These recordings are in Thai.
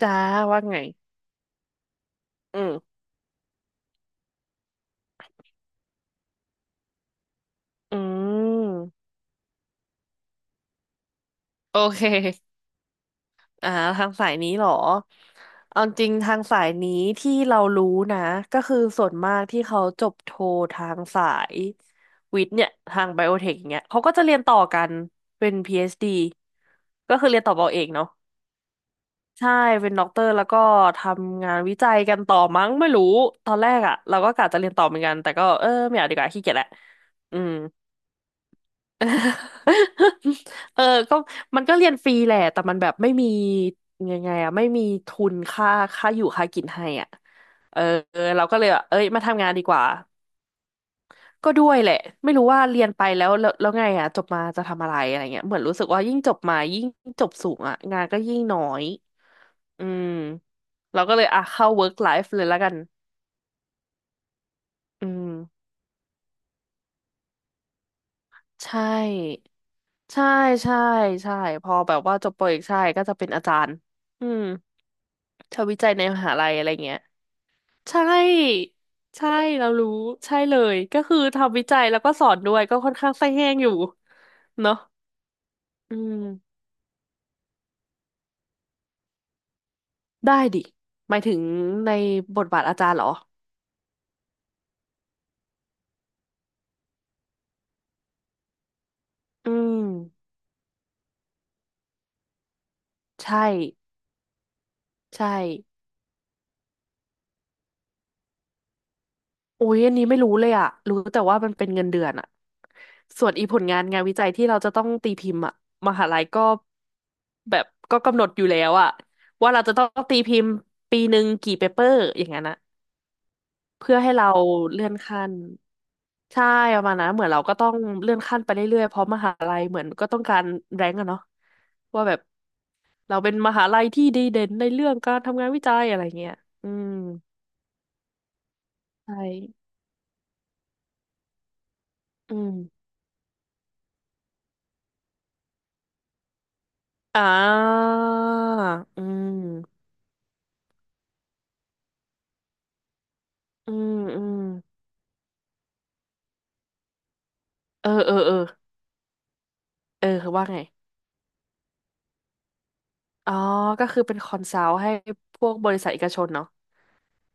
จ้าว่าไงอืมอืมโอเคอ่าทางสายนี้เหรอเอาจริงทางสายนี้ที่เรารู้นะ ก็คือส่วนมากที่เขาจบโททางสายวิทย์เนี่ยทางไบโอเทคอย่างเงี้ยเขาก็จะเรียนต่อกันเป็น PhD ก็คือเรียนต่อปอเอกเนาะใช่ เป็นด็อกเตอร์แล้วก็ทำงานวิจัยกันต่อมั้งไม่รู้ ตอนแรกอะเราก็กะจะเรียนต่อเหมือนกันแต่ก็เออไม่เอาดีกว่าขี้เกียจแหละอืม เออก็มันก็เรียนฟรีแหละแต่มันแบบไม่มียังไงอะไม่มีทุนค่าค่าอยู่ค่ากินให้อ่ะเออเราก็เลยแบบเอ้ยมาทำงานดีกว่าก็ด้วยแหละไม่รู้ว่าเรียนไปแล้วไงอ่ะจบมาจะทำอะไรอะไรเงี้ยเหมือนรู้สึกว่ายิ่งจบมายิ่งจบสูงอ่ะงานก็ยิ่งน้อยอืมเราก็เลยอ่ะเข้า work life เลยแล้วกันอืมใช่ใช่ใช่ใช่พอแบบว่าจบโปรเอกใช่ก็จะเป็นอาจารย์อืม เธอวิจัยในมหาลัยอะไรเงี้ยใช่ใช่เรารู้ใช่เลยก็คือทำวิจัยแล้วก็สอนด้วยก็ค่อนข้างไส้แห้งอยู่เนอะอืมได้ดิหมายถึงในบทบาทอาจารย์เหรออืมใช่ใช่โอ้ยอันนี้ไม่รู้เลยอะรู้แต่ว่ามันเป็นเงินเดือนอะส่วนอีผลงานงานวิจัยที่เราจะต้องตีพิมพ์อะมหาลัยก็แบบก็กำหนดอยู่แล้วอะว่าเราจะต้องตีพิมพ์ปีหนึ่งกี่เปเปอร์อย่างนั้นอะ เพื่อให้เราเลื่อนขั้นใช่ประมาณนั้นเหมือนเราก็ต้องเลื่อนขั้นไปเรื่อยๆเพราะมหาลัยเหมือนก็ต้องการแรงก์อะเนาะว่าแบบเราเป็นมหาลัยที่ดีเด่นในเรื่องการทำงานวิจัยอะไรเงี้ยอืมใช่อืมอ่าอืมอืมอืมเออเออเออเออคือว่าไงอ๋อก็คือเป็นคอนซัลท์ให้พวกบริษัทเอกชนเนาะ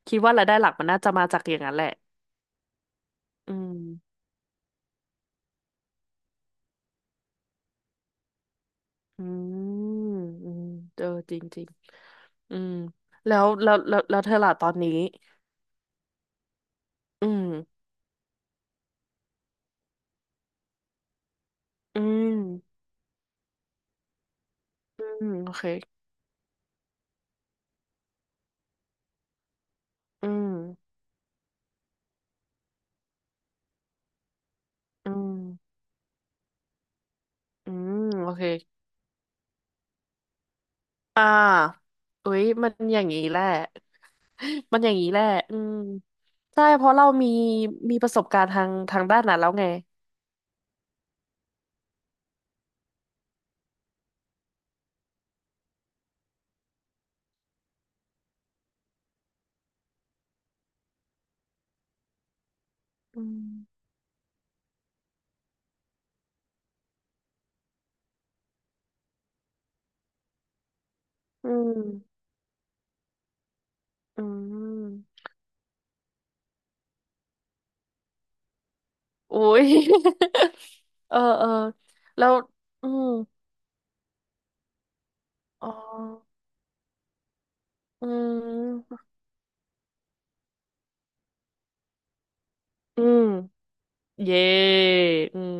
คิดว่ารายได้หลักมันน่าจะมาจากอย่างนั้นแหละอืม อืมอืมเออจริงจริงอืมแล้วเธอล่ะตอนนี้อืมอืมอืมโอเคอืมอืมอืมโอเคอ่าอุ๊ยมันอย่างนี้แหละ มันอย่างนี้แหละอืมใช่เพราะเรามีประสบการณ์ทางด้านนั้นแล้วไงอืม อืม อืมอุ๊ย เออเออแล้วอืมอ๋ออืมอืม เย่อืม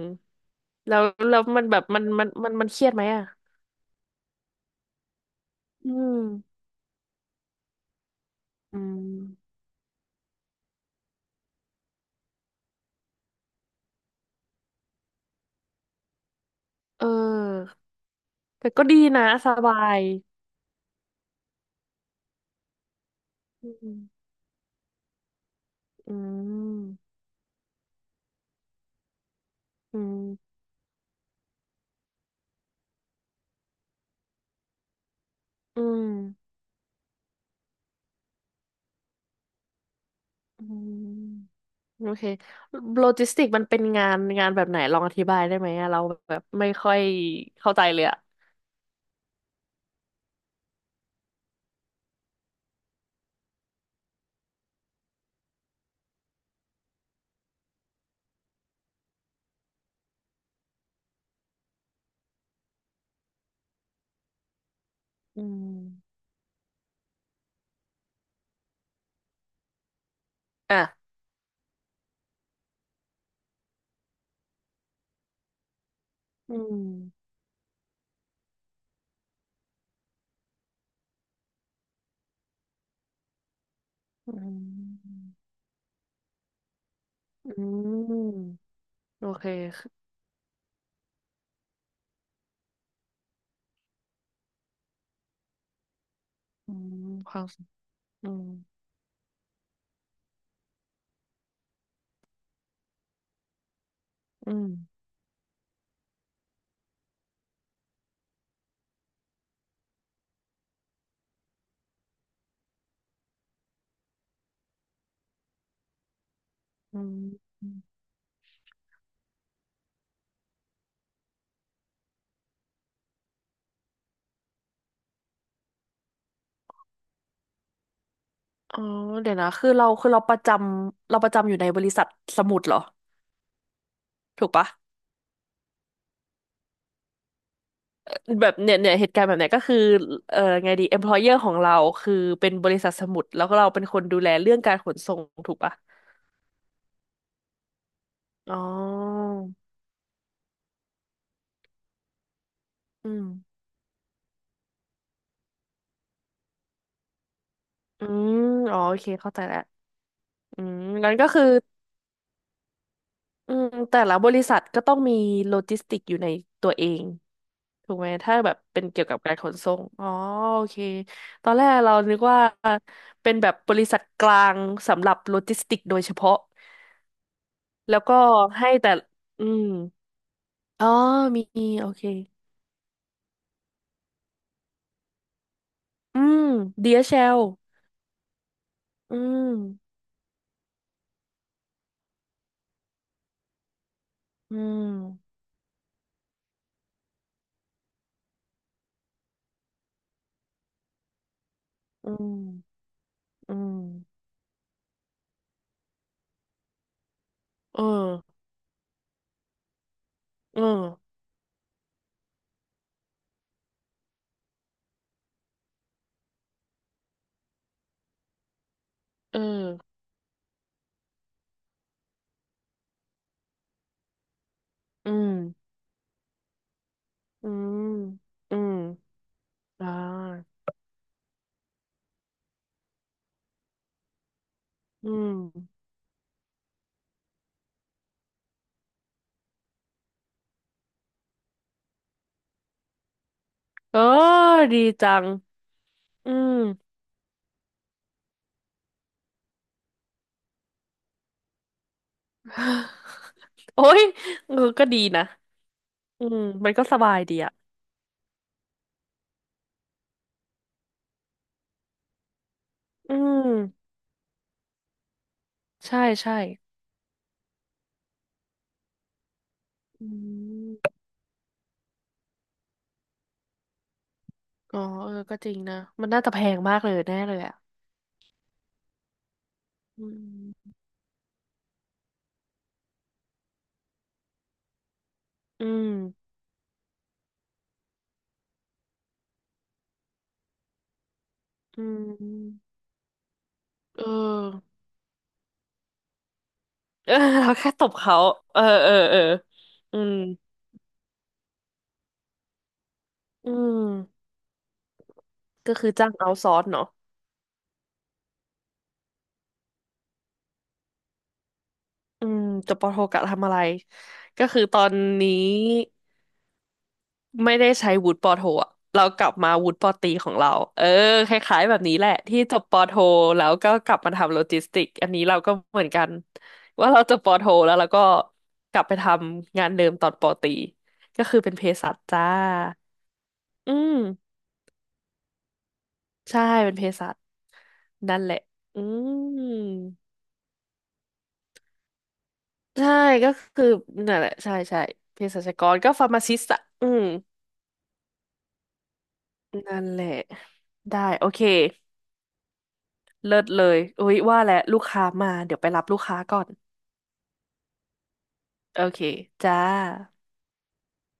แล้วแล้วมันแบบมันเครียดไหมอ่ะอืมอืม เออ แต่ก็ดีนะสบาย อืม อืมอืมอืมอืมโอเค โลจิสติกมันเป็นงานแบบไหนลองอธิบายได้ไหมอะเราแบบไม่ค่อยเข้าใจเลยอะอืม อ่ะอืมอืมอืมโอเค อืมความสุขอืม อืม อืม อ๋อเดี๋ยวนะคือเราประจำอยู่ในบริษัทสมุดเหรอถูกปะแบบเนี่ยเหตุการณ์แบบเนี้ยก็คือไงดี employer ของเราคือเป็นบริษัทสมุดแล้วก็เราเป็นคนดูแลเรื่องการขนส่งถูกปะอ๋ออืมอืมอ๋อโอเคเข้าใจแล้วอืมงั้นก็คือ อืมแต่ละบริษัทก็ต้องมีโลจิสติกอยู่ในตัวเองถูกไหมถ้าแบบเป็นเกี่ยวกับการขนส่งอ๋อโอเคตอนแรกเรานึกว่าเป็นแบบบริษัทกลางสำหรับโลจิสติกโดยเฉพาะแล้วก็ให้แต่อืมอ๋อมีโอเคอืม DHL อชแอลอืมอืมอืมอืมเออเออเอออืมอืมอืมอ่าอืม เออดีจังอืม โอ้ยเออก็ดีนะอืมมันก็สบายดีอ่ะอืมใช่ใช่อืมอ๋อเออก็จริงนะมันน่าจะแพงมากเลยแน่เลยอ่ะอืมอืมอืมเออเออเราแค่ตบเขาเออ เออ เออ อืม อืม ก็คือจ้างเอาท์ซอร์สเนาะอืมจบปโทกะทำอะไร ก็คือตอนนี้ ไม่ได้ใช้วุฒิปอโทอะเรากลับมาวุฒิปอตรีของเราเออคล้ายๆแบบนี้แหละที่จบปอโทแล้วก็กลับมาทำโลจิสติกอันนี้เราก็เหมือนกันว่าเราจบปอโทแล้วเราก็กลับไปทำงานเดิมตอนปอตรีก็คือเป็นเภสัชจ้าอืมใช่เป็นเภสัชนั่นแหละอืมใช่ก็คือนั่นแหละใช่ใช่เภสัชกรก็ฟาร์มาซิสต์อะอืมนั่นแหละได้โอเค เลิศเลยอุ้ยว่าแหละลูกค้ามาเดี๋ยวไปรับลูกค้าก่อนโอเคจ้า